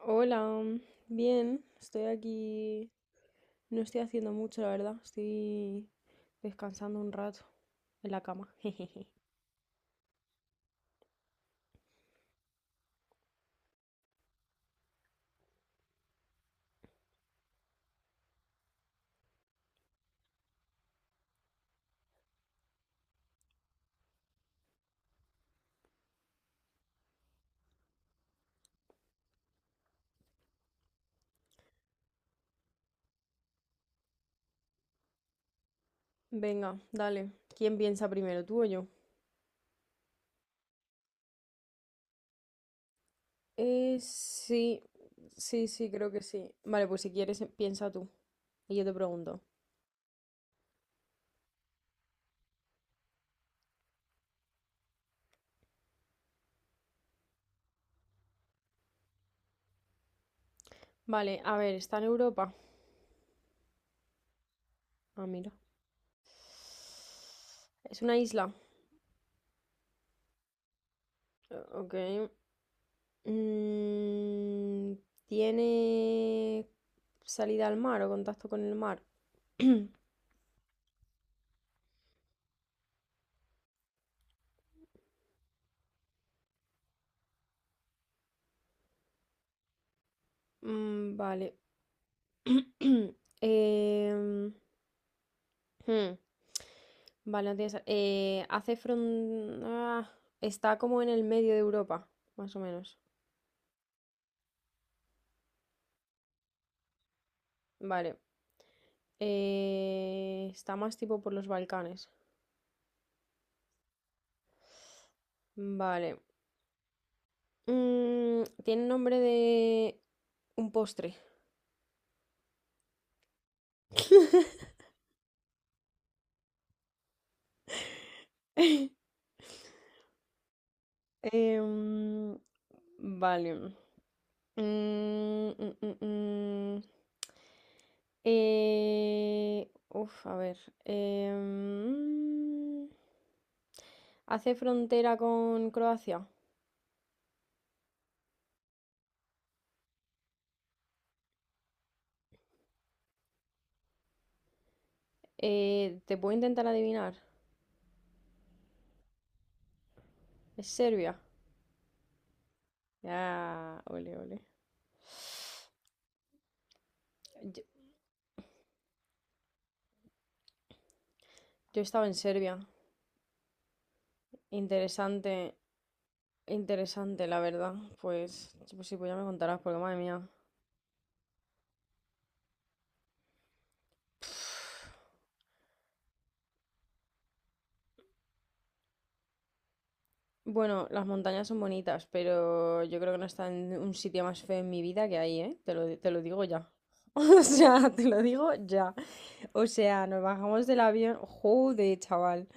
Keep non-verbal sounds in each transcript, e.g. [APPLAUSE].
Hola, mm, bien, estoy aquí. No estoy haciendo mucho, la verdad. Estoy descansando un rato en la cama. [LAUGHS] Jejeje. Venga, dale. ¿Quién piensa primero, tú o yo? Eh, sí, sí, sí, creo que sí. Vale, pues si quieres, piensa tú. Y yo te pregunto. Vale, a ver, ¿está en Europa? Ah, mira. Es una isla. Ok. Mm, ¿Tiene salida al mar o contacto con el mar? [CLEARS THROAT] Mm, vale. [CLEARS THROAT] Em, hmm. Vale, no tiene sa- hace fron- ah, está como en el medio de Europa, más o menos. Vale. Está más tipo por los Balcanes. Vale. Tiene nombre de un postre. [LAUGHS] Em, vale. Mm, mm, mm, mm. A ver. Em, ¿Hace frontera con Croacia? ¿Te puedo intentar adivinar? ¿Es Serbia? Ah, ole, ole. Yo, yo estaba en Serbia. Interesante, interesante, la verdad. Pues, pues sí, pues ya me contarás, porque madre mía. Bueno, las montañas son bonitas, pero yo creo que no está en un sitio más feo en mi vida que ahí, ¿eh? Te lo digo ya. [LAUGHS] O sea, te lo digo ya. O sea, nos bajamos del avión. Joder, chaval.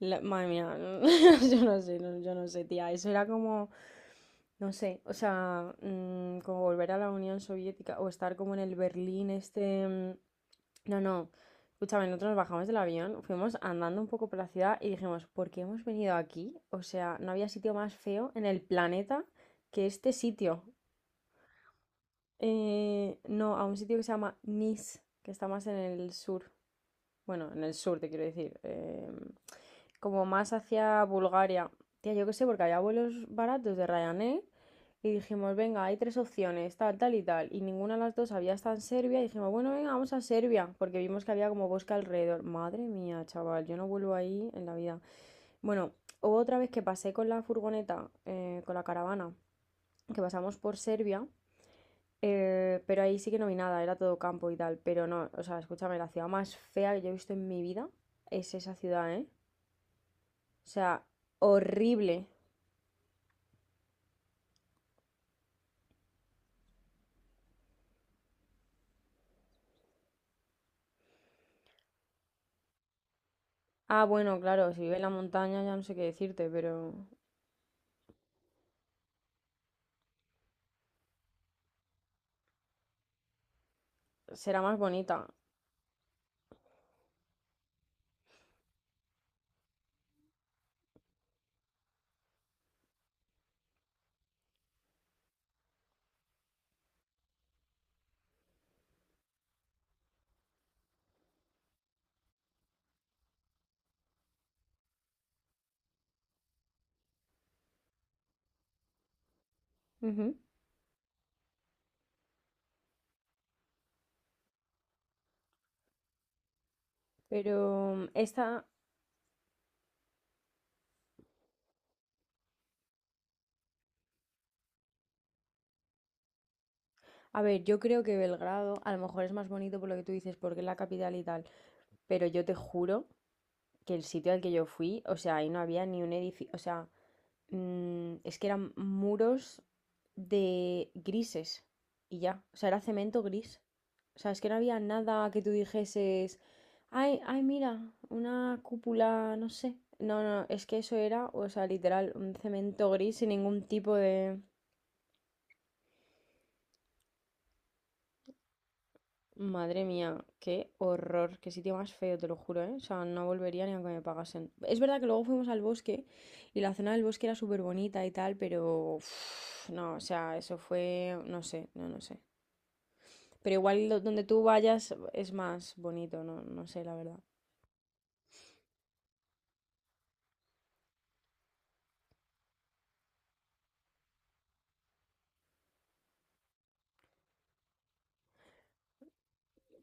Madre mía, [LAUGHS] yo no sé, tía. Eso era como, no sé, o sea, como volver a la Unión Soviética o estar como en el Berlín este. mm, no, no. Escúchame, nosotros nos bajamos del avión, fuimos andando un poco por la ciudad y dijimos, ¿por qué hemos venido aquí? O sea, no había sitio más feo en el planeta que este sitio. No, a un sitio que se llama Nice, que está más en el sur. Bueno, en el sur te quiero decir. Como más hacia Bulgaria. Tía, yo qué sé, porque había vuelos baratos de Ryanair. Y dijimos, venga, hay tres opciones, tal, tal y tal. Y ninguna de las dos había estado en Serbia. Y dijimos, bueno, venga, vamos a Serbia. Porque vimos que había como bosque alrededor. Madre mía, chaval, yo no vuelvo ahí en la vida. Bueno, hubo otra vez que pasé con la furgoneta, con la caravana, que pasamos por Serbia. Pero ahí sí que no vi nada, era todo campo y tal. Pero no, o sea, escúchame, la ciudad más fea que yo he visto en mi vida es esa ciudad, ¿eh? O sea, horrible. Ah, bueno, claro, si vive en la montaña ya no sé qué decirte, pero será más bonita. Ujú. Pero a ver, yo creo que Belgrado a lo mejor es más bonito por lo que tú dices, porque es la capital y tal. Pero yo te juro que el sitio al que yo fui, o sea, ahí no había ni un edificio, o sea, es que eran muros de grises y ya, o sea, era cemento gris. O sea, es que no había nada que tú dijeses, ay, ay, mira, una cúpula, no sé. No, no, es que eso era, o sea, literal, un cemento gris sin ningún tipo de... Madre mía, qué horror, qué sitio más feo, te lo juro, ¿eh? O sea, no volvería ni aunque me pagasen. Es verdad que luego fuimos al bosque y la zona del bosque era súper bonita y tal, pero uf, no, o sea, eso fue, no sé, no, no sé. Pero igual donde tú vayas es más bonito, no, no sé, la verdad.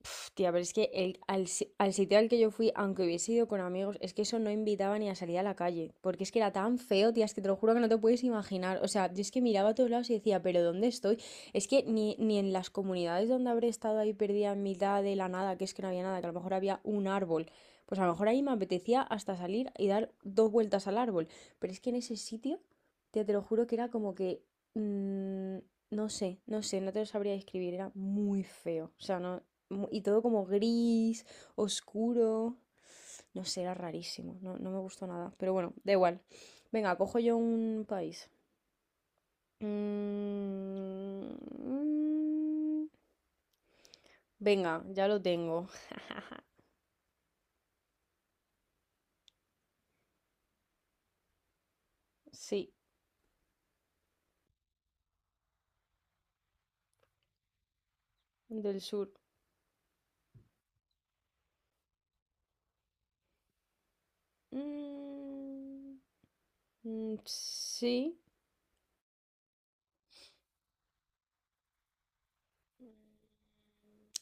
Pf, tía, pero es que el- al, si- al sitio al que yo fui, aunque hubiese ido con amigos, es que eso no invitaba ni a salir a la calle, porque es que era tan feo, tía, es que te lo juro que no te puedes imaginar. O sea, yo es que miraba a todos lados y decía, pero ¿dónde estoy? Es que ni en las comunidades donde habré estado ahí perdida en mitad de la nada, que es que no había nada, que a lo mejor había un árbol, pues a lo mejor ahí me apetecía hasta salir y dar dos vueltas al árbol, pero es que en ese sitio, tía, te lo juro que era como que... mm, no sé, no sé, no te lo sabría describir, era muy feo. O sea, no, y todo como gris, oscuro. No sé, era rarísimo, no, no me gustó nada. Pero bueno, da igual. Venga, cojo yo un país. Mm, Venga, ya lo tengo. [LAUGHS] Sí, del sur. Mm, Sí.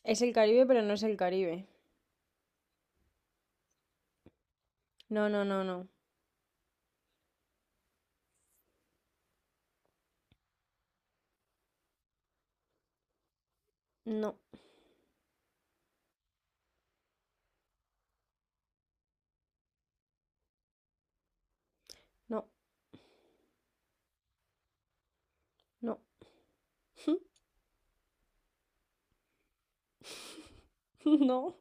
Es el Caribe, pero no es el Caribe. No, no, no, no. No, no, no. [LAUGHS] No.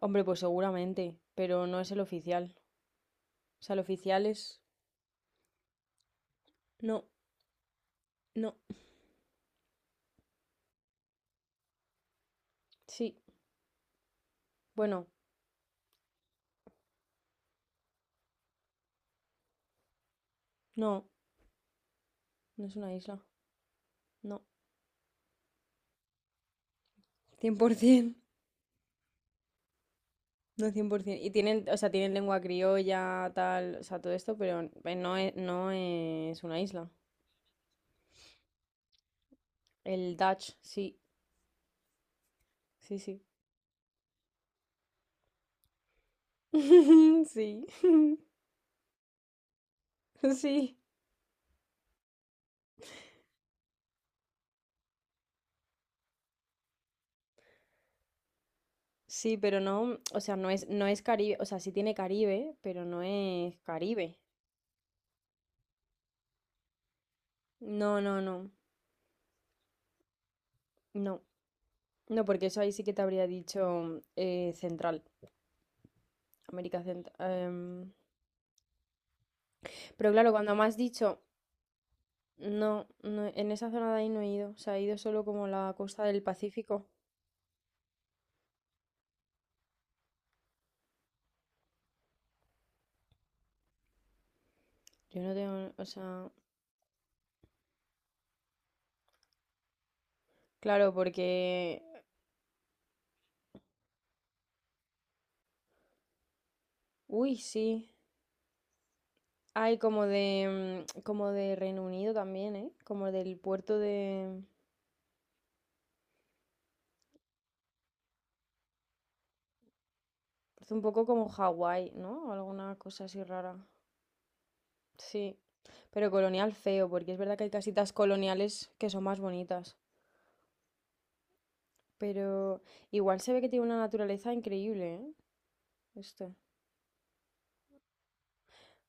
Hombre, pues seguramente, pero no es el oficial. O sea, el oficial es... No, no, sí. Bueno, no, no es una isla. No, 100%. No, 100%. Y tienen, o sea, tienen lengua criolla, tal, o sea, todo esto, pero no es, no es una isla. El Dutch, sí, sí, sí. [LAUGHS] Sí, [LAUGHS] sí, sí, pero no, o sea, no es, no es Caribe, o sea, sí tiene Caribe, pero no es Caribe. No, no, no, no, no, porque eso ahí sí que te habría dicho central. América Central. Pero claro, cuando me has dicho, no, no, en esa zona de ahí no he ido. O sea, he ido solo como la costa del Pacífico. Yo no tengo, o sea, claro, porque, uy, sí. Hay como de, como de Reino Unido también, ¿eh? Como del puerto de, es un poco como Hawái, ¿no? Alguna cosa así rara. Sí, pero colonial feo, porque es verdad que hay casitas coloniales que son más bonitas. Pero igual se ve que tiene una naturaleza increíble, ¿eh? Esto.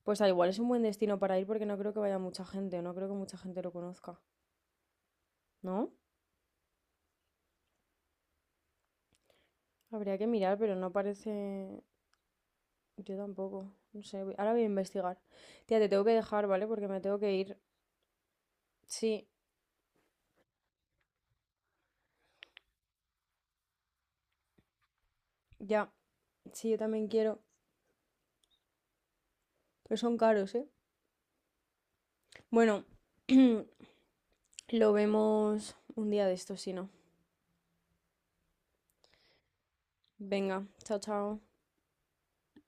Pues al igual es un buen destino para ir porque no creo que vaya mucha gente, no creo que mucha gente lo conozca, ¿no? Habría que mirar, pero no parece... Yo tampoco, no sé, ahora voy a investigar. Tía, te tengo que dejar, ¿vale? Porque me tengo que ir. Sí, ya. Sí, yo también quiero, pero son caros, ¿eh? Bueno, [CLEARS THROAT] lo vemos un día de estos, si no. Venga, chao, chao.